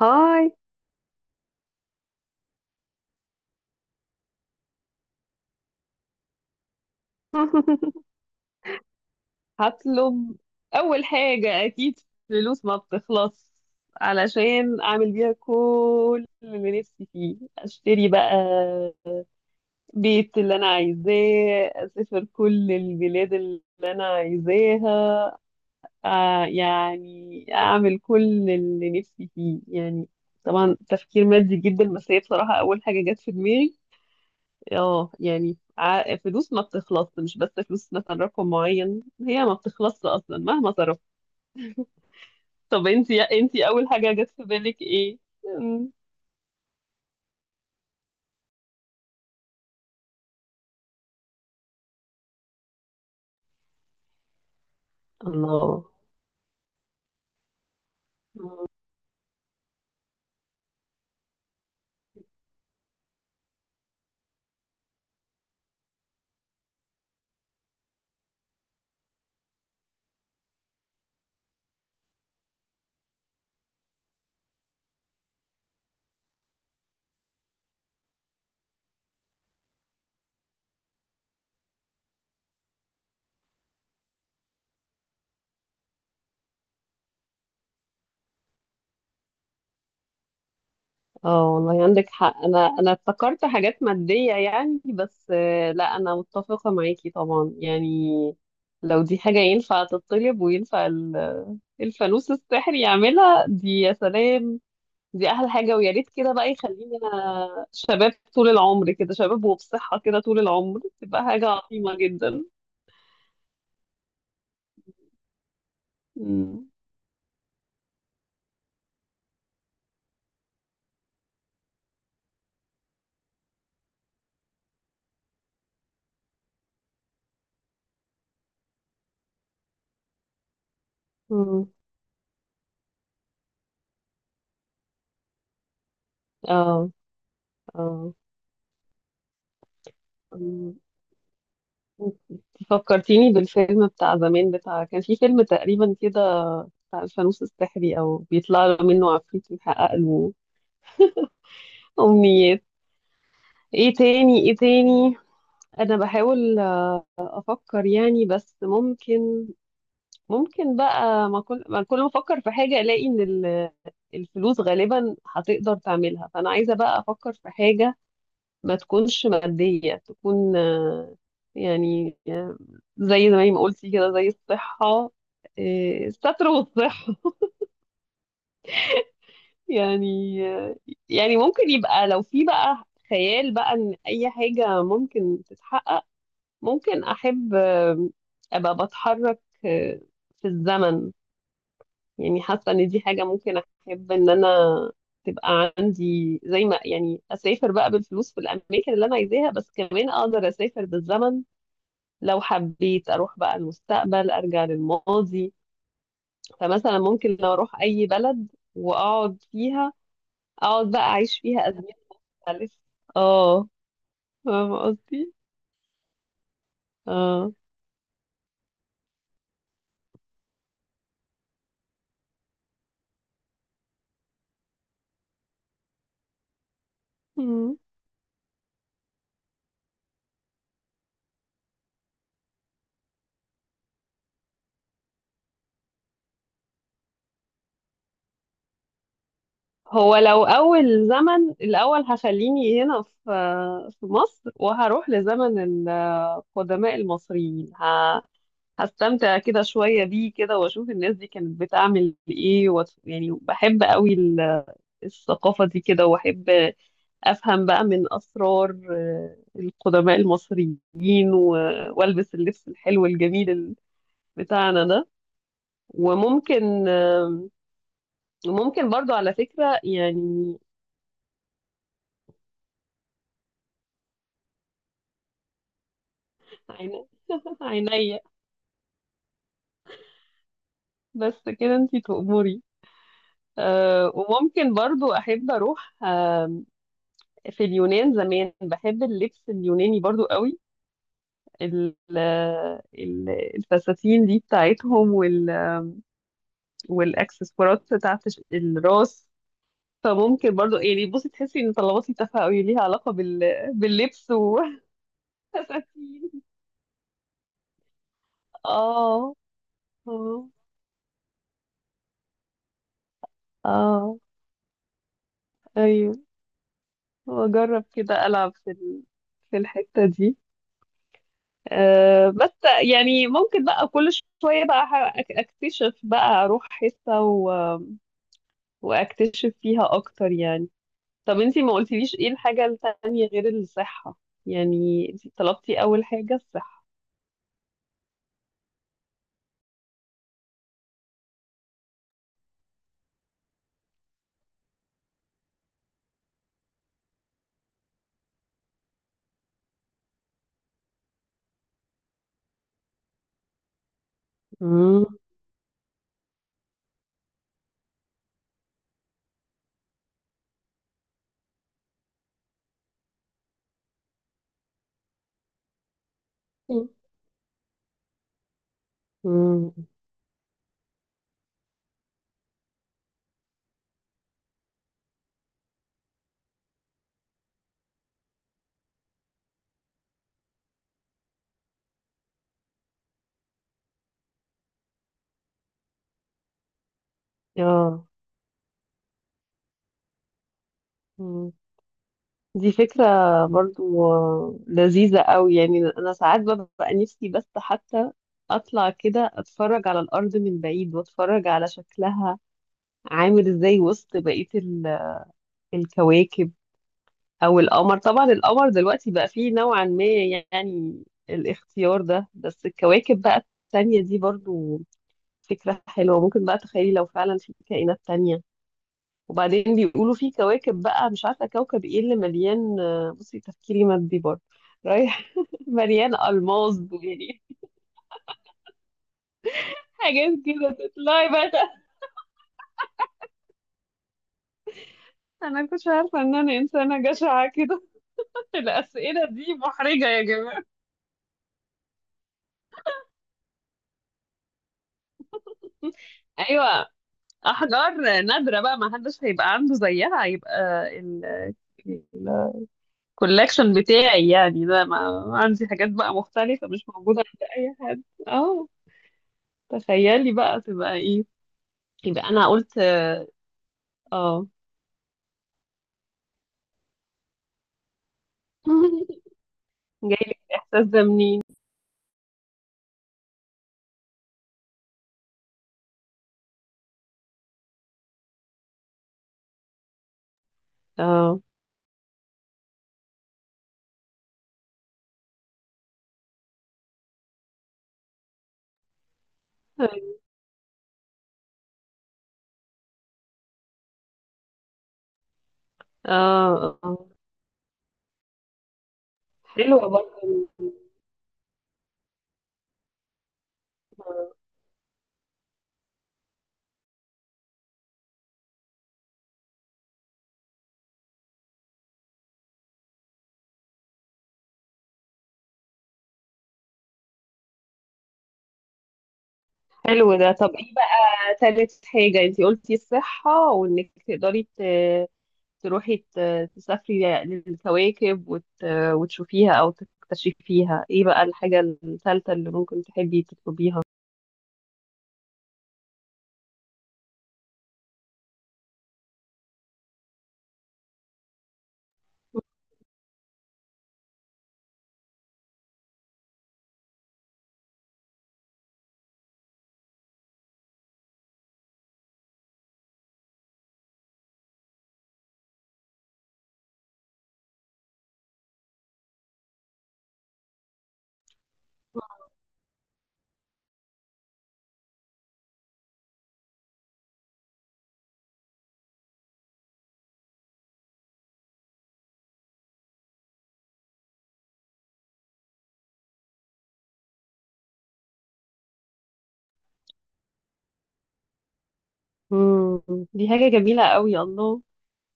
هاي. هطلب. اول حاجة اكيد فلوس ما بتخلص، علشان اعمل بيها كل اللي نفسي فيه، اشتري بقى بيت اللي انا عايزاه، اسافر كل البلاد اللي انا عايزاها. يعني اعمل كل اللي نفسي فيه يعني. طبعا تفكير مادي جدا، بس هي بصراحة اول حاجة جت في دماغي. اه يعني فلوس ما بتخلص، مش بس فلوس مثلا رقم معين، هي ما بتخلصش اصلا مهما صرفت. طب انتي اول حاجة جت في بالك ايه؟ مم. الله. مم. اه والله عندك حق، انا افتكرت حاجات مادية يعني، بس لا انا متفقة معاكي طبعا يعني. لو دي حاجة ينفع تطلب، وينفع الفانوس السحري يعملها دي، يا سلام. دي احلى حاجه، ويا ريت كده بقى يخلينا شباب طول العمر، كده شباب وبصحه، كده طول العمر، تبقى حاجه عظيمه جدا. مم. مم. اه. اه. مم. انت فكرتيني بالفيلم بتاع زمان، بتاع كان في فيلم تقريبا كده، بتاع الفانوس السحري او بيطلع له منه عفريت يحقق له امنيات. ايه تاني ايه تاني؟ انا بحاول افكر يعني، بس ممكن، ممكن بقى، ما كل ما افكر في حاجه الاقي ان الفلوس غالبا هتقدر تعملها، فانا عايزه بقى افكر في حاجه ما تكونش ماديه، تكون يعني زي ما قلتي كده، زي الصحه. الستر والصحه. يعني يعني ممكن يبقى لو في بقى خيال بقى ان اي حاجه ممكن تتحقق. ممكن احب ابقى بتحرك في الزمن. يعني حاسة ان دي حاجة ممكن احب ان انا تبقى عندي، زي ما يعني اسافر بقى بالفلوس في الاماكن اللي انا عايزاها، بس كمان اقدر اسافر بالزمن. لو حبيت اروح بقى المستقبل، ارجع للماضي. فمثلا ممكن لو اروح اي بلد واقعد فيها، اقعد بقى اعيش فيها ازمنة مختلفة. اه فاهمة قصدي، اه. هو لو أول زمن الأول، هخليني هنا في مصر، وهروح لزمن القدماء المصريين. هستمتع كده شوية بيه كده، وأشوف الناس دي كانت بتعمل إيه، يعني بحب قوي الثقافة دي كده، وأحب أفهم بقى من أسرار القدماء المصريين. وألبس اللبس الحلو الجميل بتاعنا ده. وممكن، ممكن برضو على فكرة يعني، عينيا بس، كده انتي تأمري. أه وممكن برضو أحب أروح في اليونان زمان، بحب اللبس اليوناني برضو قوي، ال- ال- الفساتين دي بتاعتهم، والأكسسوارات بتاعت الراس. فممكن برضو يعني، بصي تحسي إن طلباتي تافهة قوي، ليها علاقة باللبس وفساتين. اه. اه. اه. ايوه. واجرب كده العب في في الحتة دي. أه بس يعني، ممكن بقى كل شوية بقى اكتشف، بقى اروح حتة واكتشف فيها اكتر يعني. طب انتي ما قلتليش ايه الحاجة التانية غير الصحة؟ يعني انتي طلبتي اول حاجة الصحة. مم. مم. اه. مم. دي فكرة برضو لذيذة قوي، يعني أنا ساعات ببقى نفسي بس حتى أطلع كده أتفرج على الأرض من بعيد، وأتفرج على شكلها عامل إزاي وسط بقية الكواكب. او القمر طبعا، القمر دلوقتي بقى فيه نوعا ما يعني الاختيار ده، بس الكواكب بقى التانية دي برضو فكرة حلوة. ممكن بقى تخيلي لو فعلا في كائنات تانية. وبعدين بيقولوا في كواكب، بقى مش عارفة كوكب ايه اللي مليان، بصي تفكيري مادي برضو رايح. مليان ألماس يعني، حاجات كده تطلعي بقى انا كنتش عارفة ان انا انسانة جشعة كده. الأسئلة دي محرجة يا جماعة. ايوه. احجار نادره بقى، ما حدش هيبقى عنده زيها، هيبقى ال الكولكشن بتاعي يعني ده، ما عندي حاجات بقى مختلفه مش موجوده عند اي حد، اه. تخيلي بقى تبقى ايه. يبقى انا قلت، اه. جايلك الاحساس ده منين؟ اه. اه. اه. حلوة برضه. حلو ده. طب ايه بقى تالت حاجة؟ انتي قلتي الصحة، وانك تقدري تروحي تسافري للكواكب وتشوفيها أو تكتشفيها. ايه بقى الحاجة الثالثة اللي ممكن تحبي تطلبيها؟ مم. دي حاجة جميلة قوي، الله.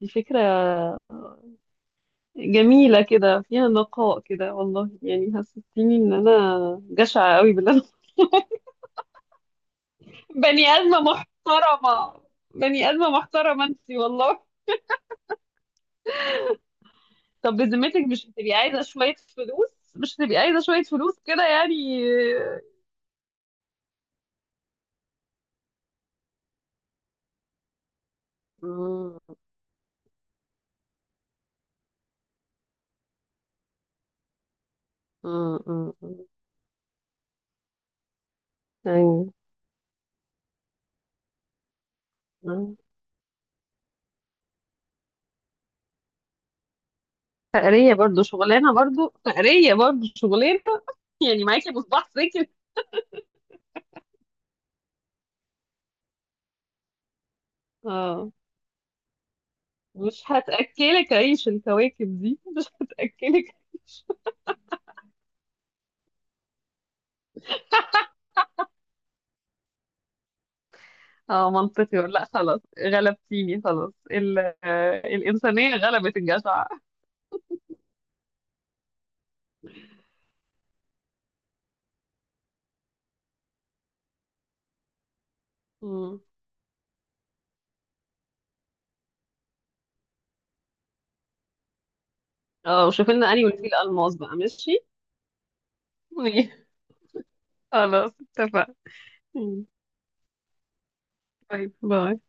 دي فكرة جميلة كده، فيها نقاء كده والله، يعني حسستيني ان انا جشعة قوي بالله. بني آدمة محترمة، بني آدمة محترمة انتي والله. طب بذمتك مش هتبقي عايزة شوية فلوس؟ مش هتبقي عايزة شوية فلوس كده يعني؟ مم. مم. مم. مم. مم. فقرية برضو شغلانة، برضو فقرية برضو شغلانة. يعني معاكي مصباح سكر، اه. مش هتأكلك عيش الكواكب دي، مش هتأكلك عيش. اه منطقي ولا لا؟ خلاص غلبتيني، خلاص، الإنسانية غلبت الجشع. مم. اه وشوفي لنا أنهي والفيل ألماس بقى، ماشي. خلاص اتفقنا. مم. طيب باي.